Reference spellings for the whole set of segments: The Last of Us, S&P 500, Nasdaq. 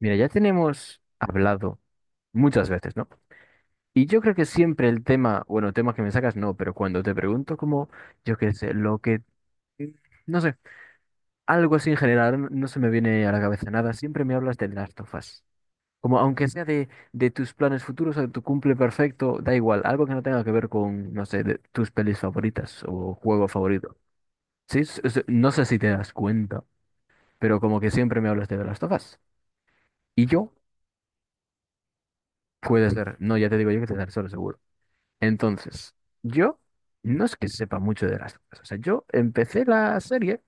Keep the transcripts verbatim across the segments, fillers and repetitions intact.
Mira, ya tenemos hablado muchas veces, ¿no? Y yo creo que siempre el tema, bueno, tema que me sacas, no, pero cuando te pregunto como, yo qué sé, lo que, no sé, algo así en general, no no se me viene a la cabeza nada, siempre me hablas del Last of Us. Como aunque sea de, de tus planes futuros o de tu cumple perfecto, da igual, algo que no tenga que ver con, no sé, de tus pelis favoritas o juego favorito. Sí, es- es- no sé si te das cuenta, pero como que siempre me hablas de The Last of Us. Y yo, puede ser, no, ya te digo yo que te daré solo seguro. Entonces, yo no es que sepa mucho de las cosas. O sea, yo empecé la serie,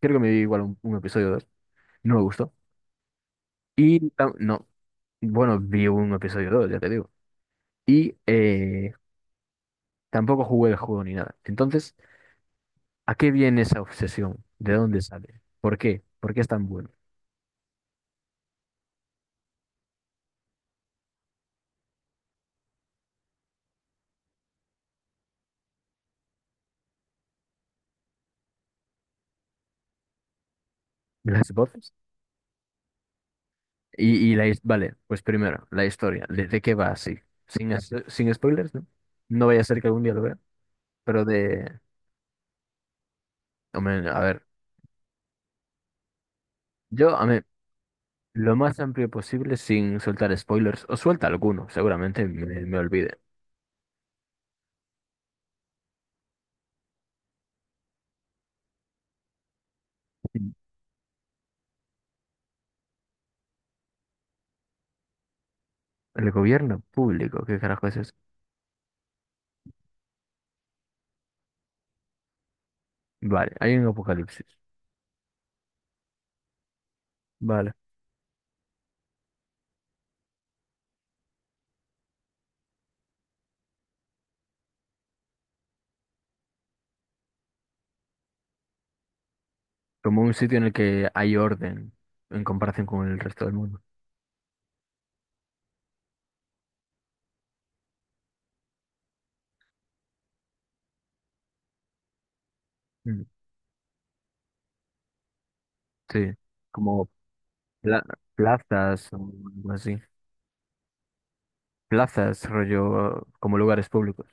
creo que me vi igual un, un episodio o dos, no me gustó. Y tam- no, bueno, vi un episodio o dos, ya te digo. Y eh, tampoco jugué el juego ni nada. Entonces, ¿a qué viene esa obsesión? ¿De dónde sale? ¿Por qué? ¿Por qué es tan bueno? ¿Las voces? Y, y la, his- vale, pues primero, la historia. ¿De, de qué va así? Sin, as- sin spoilers, ¿no? No vaya a ser que algún día lo vea, pero de... hombre, a ver. Yo, a mí, Lo más amplio posible sin soltar spoilers, o suelta alguno, seguramente me, me olvide. El gobierno público, ¿qué carajo es eso? Vale, hay un apocalipsis. Vale. Como un sitio en el que hay orden en comparación con el resto del mundo. Mm. Sí, como pla- plazas o algo así. Plazas, rollo, como lugares públicos.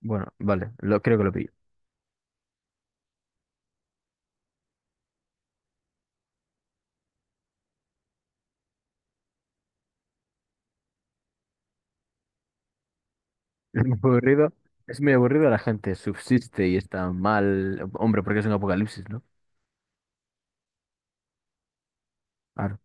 Bueno, vale, lo, creo que lo pillo. Es muy aburrido. Es muy aburrido, la gente subsiste y está mal. Hombre, porque es un apocalipsis, ¿no? Claro.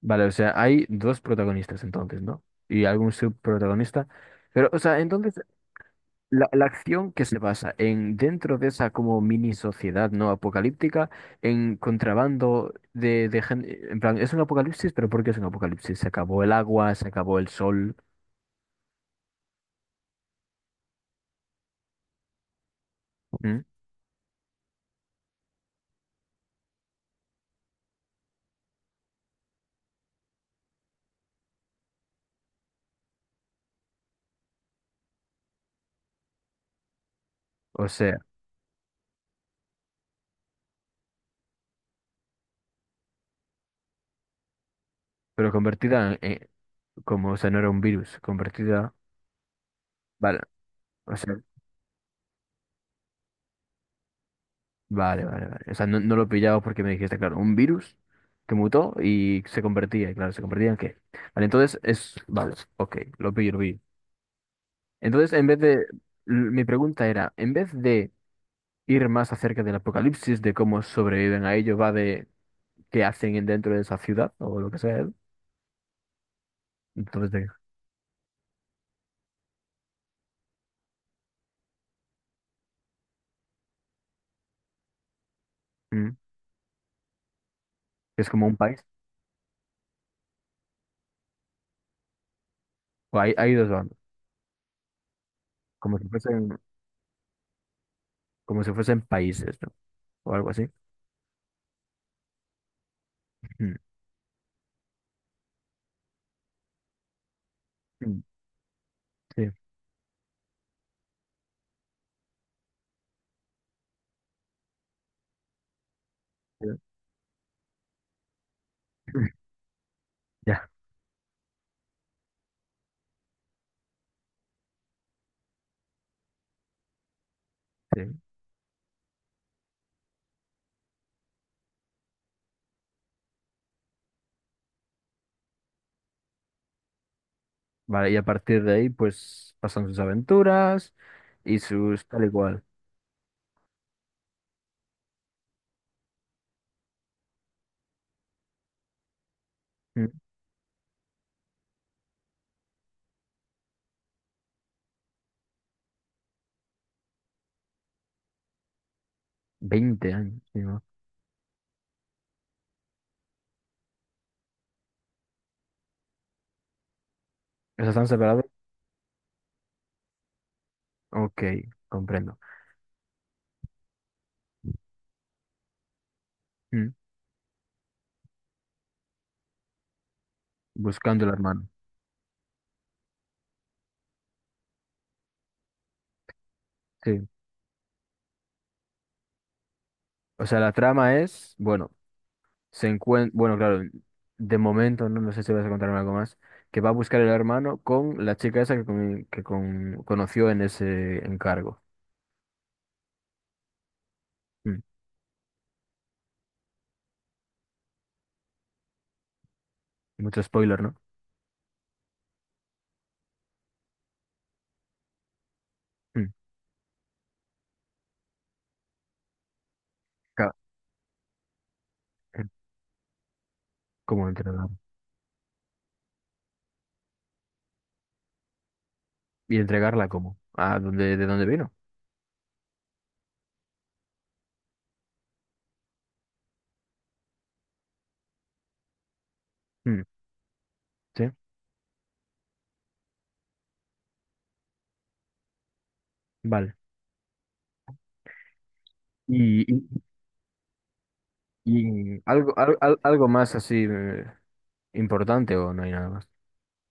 Vale, o sea, hay dos protagonistas entonces, ¿no? Y algún subprotagonista. Pero, o sea, entonces, la, la acción que se basa en dentro de esa como mini sociedad no apocalíptica, en contrabando de, de gente, en plan, es un apocalipsis, pero ¿por qué es un apocalipsis? Se acabó el agua, se acabó el sol. ¿Mm? O sea, pero convertida en, en- como, o sea, no era un virus, convertida, vale, o sea, vale, vale, vale. O sea, no, no lo pillaba porque me dijiste, claro, un virus que mutó y se convertía, y claro, ¿se convertía en qué? Vale, entonces es... vale, ok, lo pillo, lo pillo. Entonces, en vez de... l- mi pregunta era, en vez de ir más acerca del apocalipsis, de cómo sobreviven a ello, va de qué hacen en- dentro de esa ciudad o lo que sea, entonces de... mm, es como un país. O hay, hay dos bandos, como si fuesen, como si fuesen países, ¿no? O algo así. Mm, mm, sí. Sí. Ya, sí. Vale, y a partir de ahí, pues pasan sus aventuras y sus tal y cual. Mm. veinte años, sí, ¿no? O sea, ¿están separados? Ok, comprendo. Mm. Buscando el hermano. Sí. O sea, la trama es, bueno, se encuentra, bueno, claro, de momento, no, no sé si vas a contarme algo más, que va a buscar el hermano con la chica esa que, con- que con- conoció en ese encargo. Mm. Mucho spoiler, ¿no? Mm, ca- eh, ¿Cómo entregarla? ¿Y entregarla cómo? ¿A dónde, ¿de dónde vino? Mm, sí, vale. Y, y- y algo, al- al- algo más así eh, importante o no hay nada más.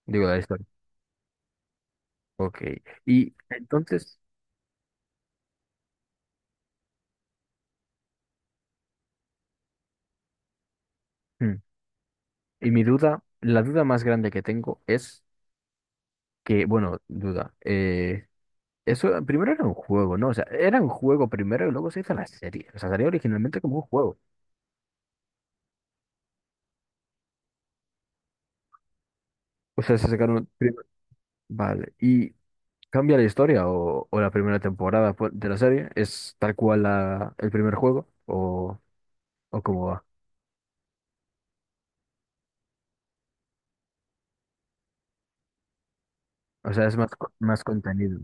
Digo, la historia. Ok. Y entonces, hmm, y mi duda, la duda más grande que tengo es que, bueno, duda, eh, eso primero era un juego, ¿no? O sea, era un juego primero y luego se hizo la serie. O sea, salió originalmente como un juego. O sea, se sacaron... prim- vale. ¿Y cambia la historia o, o la primera temporada pues, de la serie? ¿Es tal cual la, el primer juego o, o cómo va? O sea, es más, co- más contenido.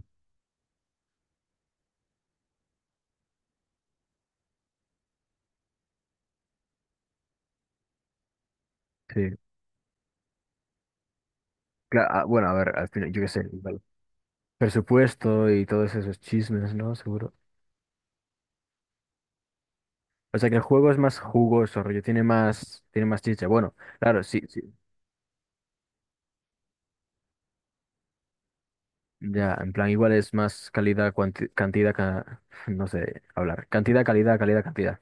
Sí. Cla- ah, bueno, a ver, al final, yo qué sé, igual. Presupuesto y todos esos chismes, ¿no? Seguro. O sea, que el juego es más jugoso, rollo, tiene más, tiene más, chiste. Bueno, claro, sí, sí. Ya, en plan, igual es más calidad, cuanti- cantidad, ca- no sé hablar. Cantidad, calidad, calidad, cantidad.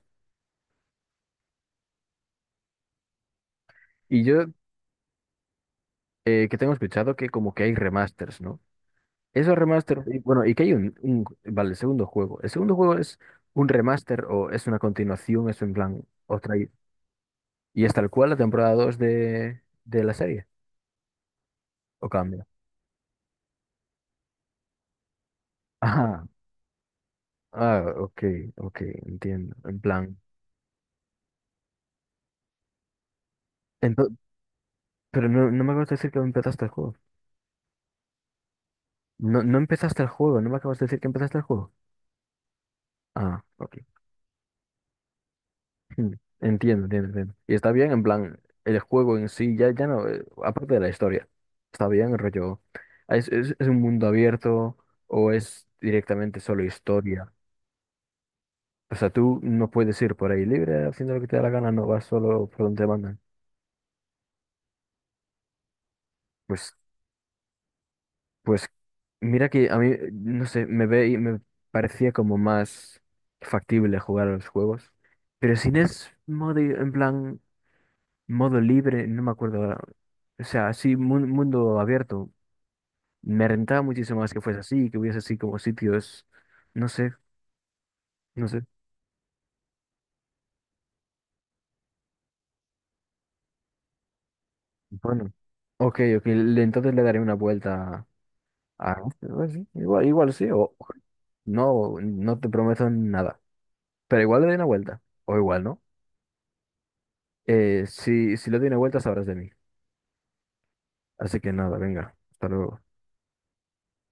Y yo, eh, que tengo escuchado que como que hay remasters, ¿no? Esos remasters, y bueno, y que hay un, un, vale, el segundo juego. El segundo juego es un remaster o es una continuación, es en plan otra. Y es tal cual la temporada dos de, de la serie. ¿O cambia? Ah, ah, ok, ok, entiendo. En plan. ento- pero no, no me acabas de decir que empezaste el juego. No, no empezaste el juego, no me acabas de decir que empezaste el juego. Ah, ok. Hmm, Entiendo, entiendo, entiendo. Y está bien, en plan, el juego en sí, ya, ya no, eh, aparte de la historia. Está bien, el rollo. ¿Es, es, es un mundo abierto o es directamente solo historia? O sea, tú no puedes ir por ahí libre haciendo lo que te da la gana, no vas solo por donde te mandan. Pues, pues mira que a mí, eh, no sé, me ve y me parecía como más factible jugar a los juegos. Pero si no es modo, en plan, modo libre, no me acuerdo ahora. O sea, así, mun- mundo abierto. Me rentaba muchísimo más que fuese así, que hubiese así como sitios, no sé, no sé. Bueno, ok, ok, le- entonces le daré una vuelta a... a- sí, igual, igual sí, o no, no te prometo nada. Pero igual le daré una vuelta, o igual, ¿no? Eh, si, si le doy una vuelta, sabrás de mí. Así que nada, venga. Hasta luego.